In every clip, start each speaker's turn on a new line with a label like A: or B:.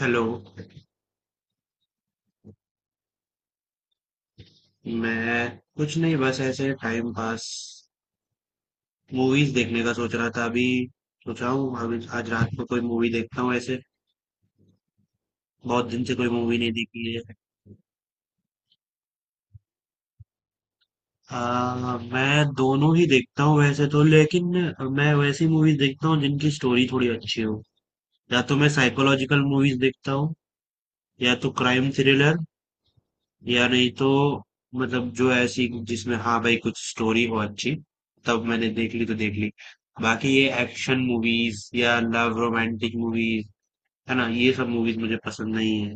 A: Hello. मैं कुछ नहीं, बस ऐसे टाइम पास। मूवीज देखने का सोच रहा था अभी। सोचा हूँ अभी आज रात को कोई मूवी देखता हूँ ऐसे। बहुत दिन से कोई मूवी नहीं देखी है। मैं दोनों ही देखता हूँ वैसे तो, लेकिन मैं वैसी मूवीज देखता हूँ जिनकी स्टोरी थोड़ी अच्छी हो। या तो मैं साइकोलॉजिकल मूवीज देखता हूँ, या तो क्राइम थ्रिलर, या नहीं तो मतलब जो ऐसी जिसमें, हाँ भाई, कुछ स्टोरी हो अच्छी, तब मैंने देख ली तो देख ली। बाकी ये एक्शन मूवीज या लव रोमांटिक मूवीज, है ना, ये सब मूवीज मुझे पसंद नहीं है।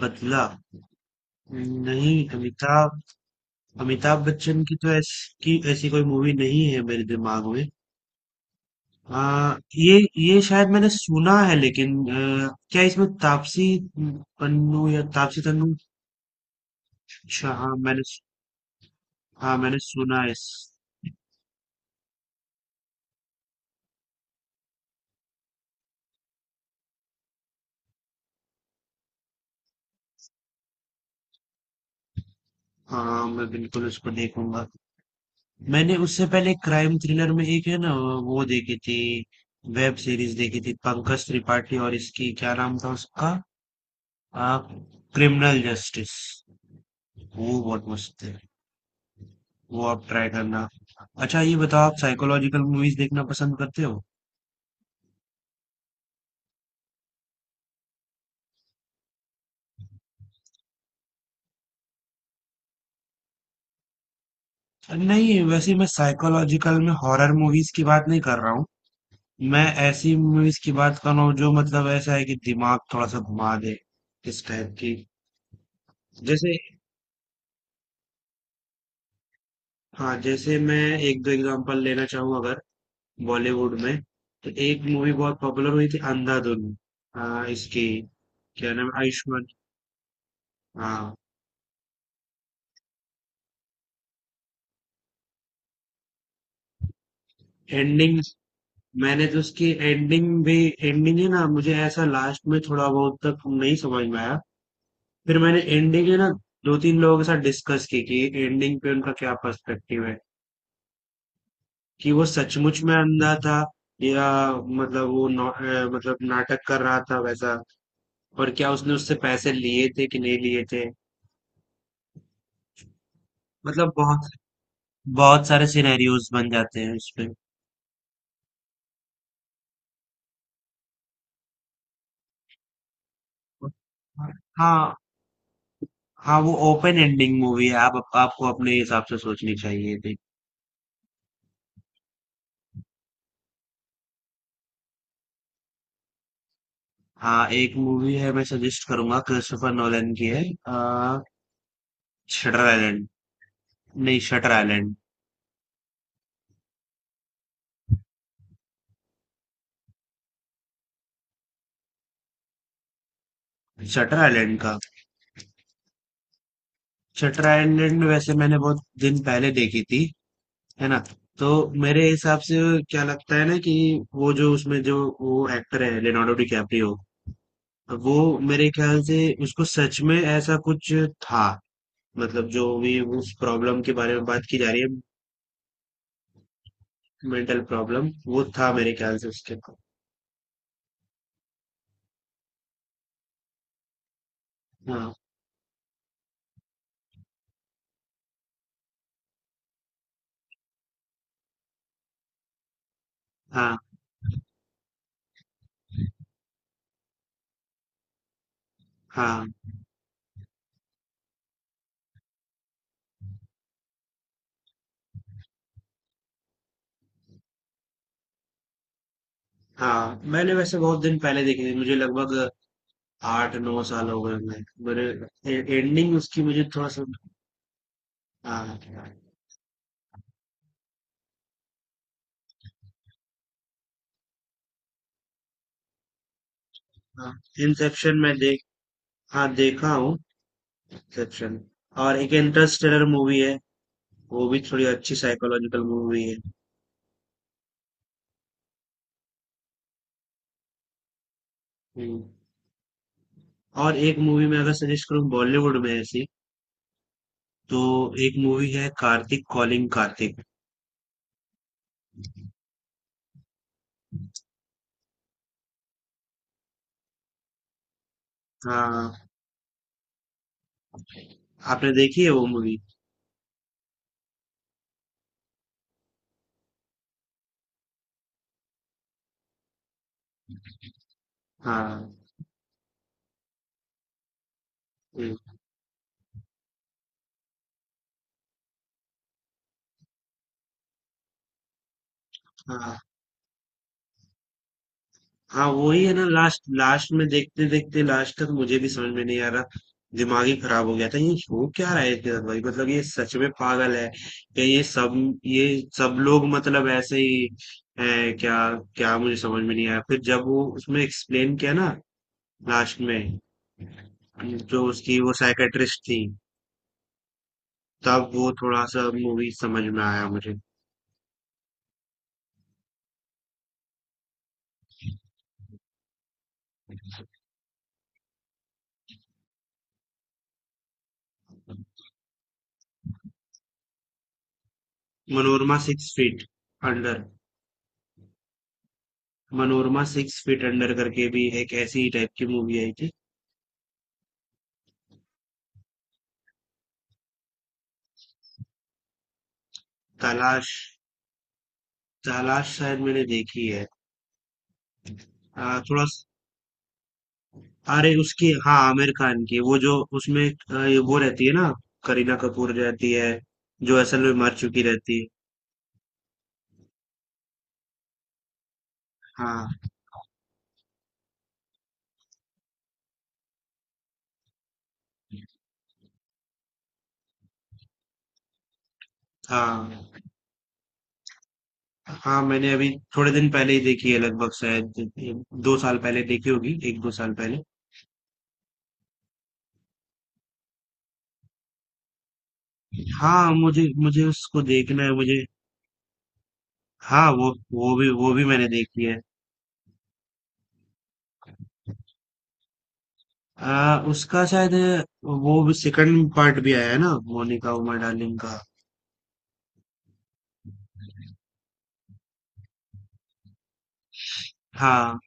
A: बदला? नहीं, अमिताभ अमिताभ बच्चन की तो ऐसी की ऐसी कोई मूवी नहीं है मेरे दिमाग में। ये शायद मैंने सुना है, लेकिन क्या इसमें तापसी पन्नू या तापसी तन्नू? अच्छा, हाँ, मैंने। हाँ, मैंने सुना है इस। हाँ, मैं बिल्कुल उसको देखूंगा। मैंने उससे पहले क्राइम थ्रिलर में एक है ना, वो देखी थी। वेब सीरीज देखी थी पंकज त्रिपाठी, और इसकी क्या नाम था उसका, आ, क्रिमिनल जस्टिस। वो बहुत मस्त है। वो आप ट्राई करना। अच्छा, ये बताओ, आप साइकोलॉजिकल मूवीज देखना पसंद करते हो? नहीं, वैसे मैं साइकोलॉजिकल में हॉरर मूवीज की बात नहीं कर रहा हूँ। मैं ऐसी मूवीज की बात कर रहा हूँ जो, मतलब, ऐसा है कि दिमाग थोड़ा सा घुमा दे, इस टाइप की। जैसे, हाँ, जैसे मैं एक दो एग्जांपल लेना चाहूँ अगर बॉलीवुड में, तो एक मूवी बहुत पॉपुलर हुई थी, अंधाधुन। हाँ, इसकी क्या नाम है, आयुष्मान। हाँ, एंडिंग। मैंने तो उसकी एंडिंग भी, एंडिंग, है ना, मुझे ऐसा लास्ट में थोड़ा बहुत तक नहीं समझ में आया। फिर मैंने एंडिंग, है ना, दो तीन लोगों के साथ डिस्कस की कि एंडिंग पे उनका क्या पर्सपेक्टिव है, कि वो सचमुच में अंधा था या मतलब वो नौ- अ, मतलब नाटक कर रहा था वैसा, और क्या उसने उससे पैसे लिए थे कि नहीं लिए थे। मतलब बहुत बहुत सारे सिनेरियोज बन जाते हैं उसपे। हाँ, हाँ, वो ओपन एंडिंग मूवी है, आप आपको अपने हिसाब से सोचनी चाहिए थी। हाँ, एक मूवी है, मैं सजेस्ट करूंगा, क्रिस्टोफर नोलन की है, शटर आइलैंड। नहीं, शटर आइलैंड। शटर आइलैंड का। शटर आइलैंड वैसे मैंने बहुत दिन पहले देखी थी, है ना, तो मेरे हिसाब से क्या लगता है ना कि वो, जो उसमें जो वो एक्टर है, लियोनार्डो डिकैप्रियो, वो मेरे ख्याल से उसको सच में ऐसा कुछ था, मतलब जो भी उस प्रॉब्लम के बारे में बात की जा रही है, मेंटल प्रॉब्लम वो था मेरे ख्याल से उसके। हाँ, हाँ, हाँ, हाँ, मैंने वैसे बहुत दिन पहले देखी थी, मुझे लगभग 8-9 साल हो गए। मैं, मेरे, एंडिंग उसकी मुझे थोड़ा सा। हाँ, हाँ, इंसेप्शन में देख हाँ, देखा हूँ इंसेप्शन, और एक इंटरस्टेलर मूवी है, वो भी थोड़ी अच्छी साइकोलॉजिकल मूवी है। हम्म। और एक मूवी मैं अगर सजेस्ट करूँ बॉलीवुड में ऐसी, तो एक मूवी है, कार्तिक कॉलिंग कार्तिक। हाँ, आपने देखी है वो मूवी? हाँ, हम्म, हाँ, हाँ, वही है ना, लास्ट लास्ट में देखते देखते लास्ट तक मुझे भी समझ में नहीं आ रहा, दिमाग ही खराब हो गया था, ये हो क्या रहा है इसके साथ भाई, मतलब ये सच में पागल है, या ये सब लोग, मतलब ऐसे ही है क्या, क्या मुझे समझ में नहीं आया, फिर जब वो उसमें एक्सप्लेन किया ना लास्ट में, जो उसकी वो साइकेट्रिस्ट थी, तब वो थोड़ा-सा मूवी समझ में आया मुझे। Manorama six feet under. Manorama six feet under करके भी एक ऐसी ही टाइप की मूवी आई थी। तलाश। तलाश शायद मैंने देखी है। थोड़ा स अरे, उसकी, हाँ, आमिर खान की वो, जो उसमें, ये वो रहती है ना, करीना कपूर रहती है, जो असल में मर चुकी रहती है। हाँ, हाँ। हाँ, मैंने अभी थोड़े दिन पहले ही देखी है, लगभग शायद ए 2 साल पहले देखी होगी, 1-2 साल पहले। हाँ, मुझे मुझे उसको देखना है मुझे। हाँ, वो, वो भी मैंने देखी है। उसका शायद, वो भी सेकंड पार्ट भी आया है ना मोनिका उमा डार्लिंग का। हाँ,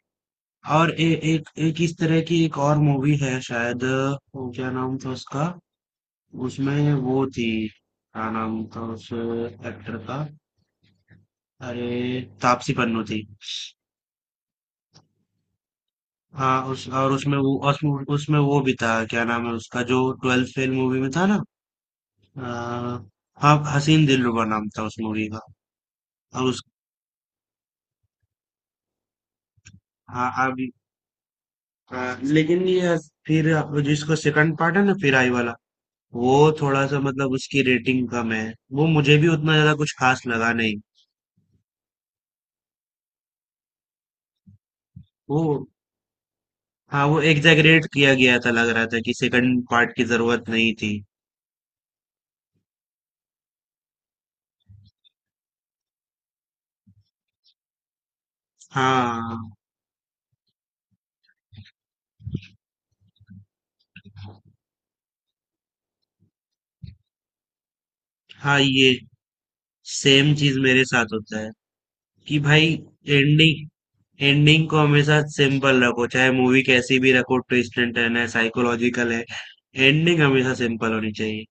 A: और एक एक इस तरह की एक और मूवी है शायद, वो क्या नाम था उसका, उसमें वो थी, क्या नाम था उस एक्टर का? अरे, तापसी पन्नू थी। हाँ, उस और उसमें वो, उसमें उसमें वो भी था, क्या नाम है उसका, जो ट्वेल्थ फेल मूवी में था ना, आ, हाँ, हसीन दिलरुबा नाम था उस मूवी का। और उस, हाँ, अब, हाँ, लेकिन ये, फिर आप जिसको सेकंड पार्ट है ना, फिर आई वाला, वो थोड़ा सा मतलब उसकी रेटिंग कम है, वो मुझे भी उतना ज्यादा कुछ खास लगा नहीं। वो, हाँ, वो एग्जैगरेट किया गया था, लग रहा था कि सेकंड पार्ट की जरूरत नहीं थी। हाँ, हाँ, ये सेम चीज मेरे साथ होता है, कि भाई एंडिंग एंडिंग को हमेशा सिंपल रखो, चाहे मूवी कैसी भी रखो, ट्विस्ट एंड टर्न है, साइकोलॉजिकल है, एंडिंग हमेशा सिंपल होनी चाहिए।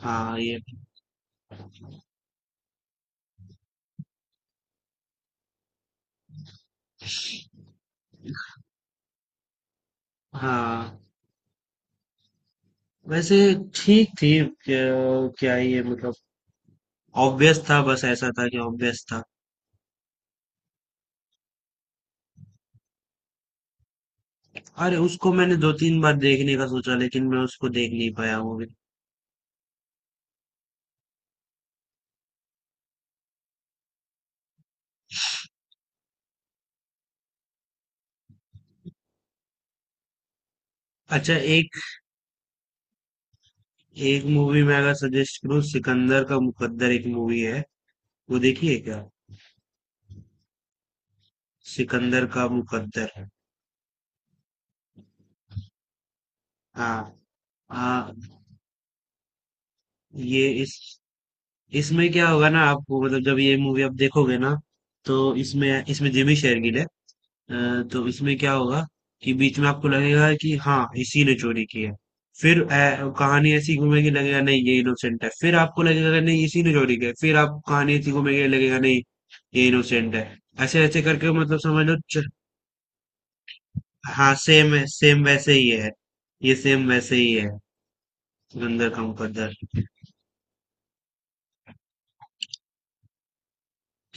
A: हाँ, ये, हाँ, वैसे ठीक थी। क्या ये मतलब ऑब्वियस था, बस ऐसा था कि ऑब्वियस था। अरे, उसको मैंने दो तीन बार देखने का सोचा, लेकिन मैं उसको देख नहीं पाया मूवी। अच्छा, एक एक मूवी मैं अगर सजेस्ट करूँ, सिकंदर का मुकद्दर, एक मूवी है, वो देखिए क्या? सिकंदर का मुकद्दर। हाँ, हाँ, ये, इस इसमें क्या होगा ना आपको, मतलब जब ये मूवी आप देखोगे ना, तो इसमें इसमें जिमी शेरगिल है, अ, तो इसमें क्या होगा कि बीच में आपको लगेगा कि हाँ इसी ने चोरी की है, फिर कहानी ऐसी घूमेगी, लगेगा नहीं ये इनोसेंट है, फिर आपको लगेगा कि नहीं इसी ने चोरी की है, फिर आप कहानी ऐसी घूमेगी, लगेगा नहीं ये इनोसेंट है, ऐसे ऐसे करके मतलब समझ लो। हाँ, सेम है, सेम वैसे ही है, ये सेम वैसे ही है। गंदर का मुकद्दर।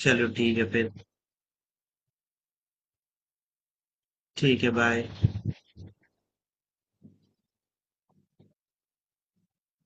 A: चलो, ठीक है फिर। ठीक है, बाय।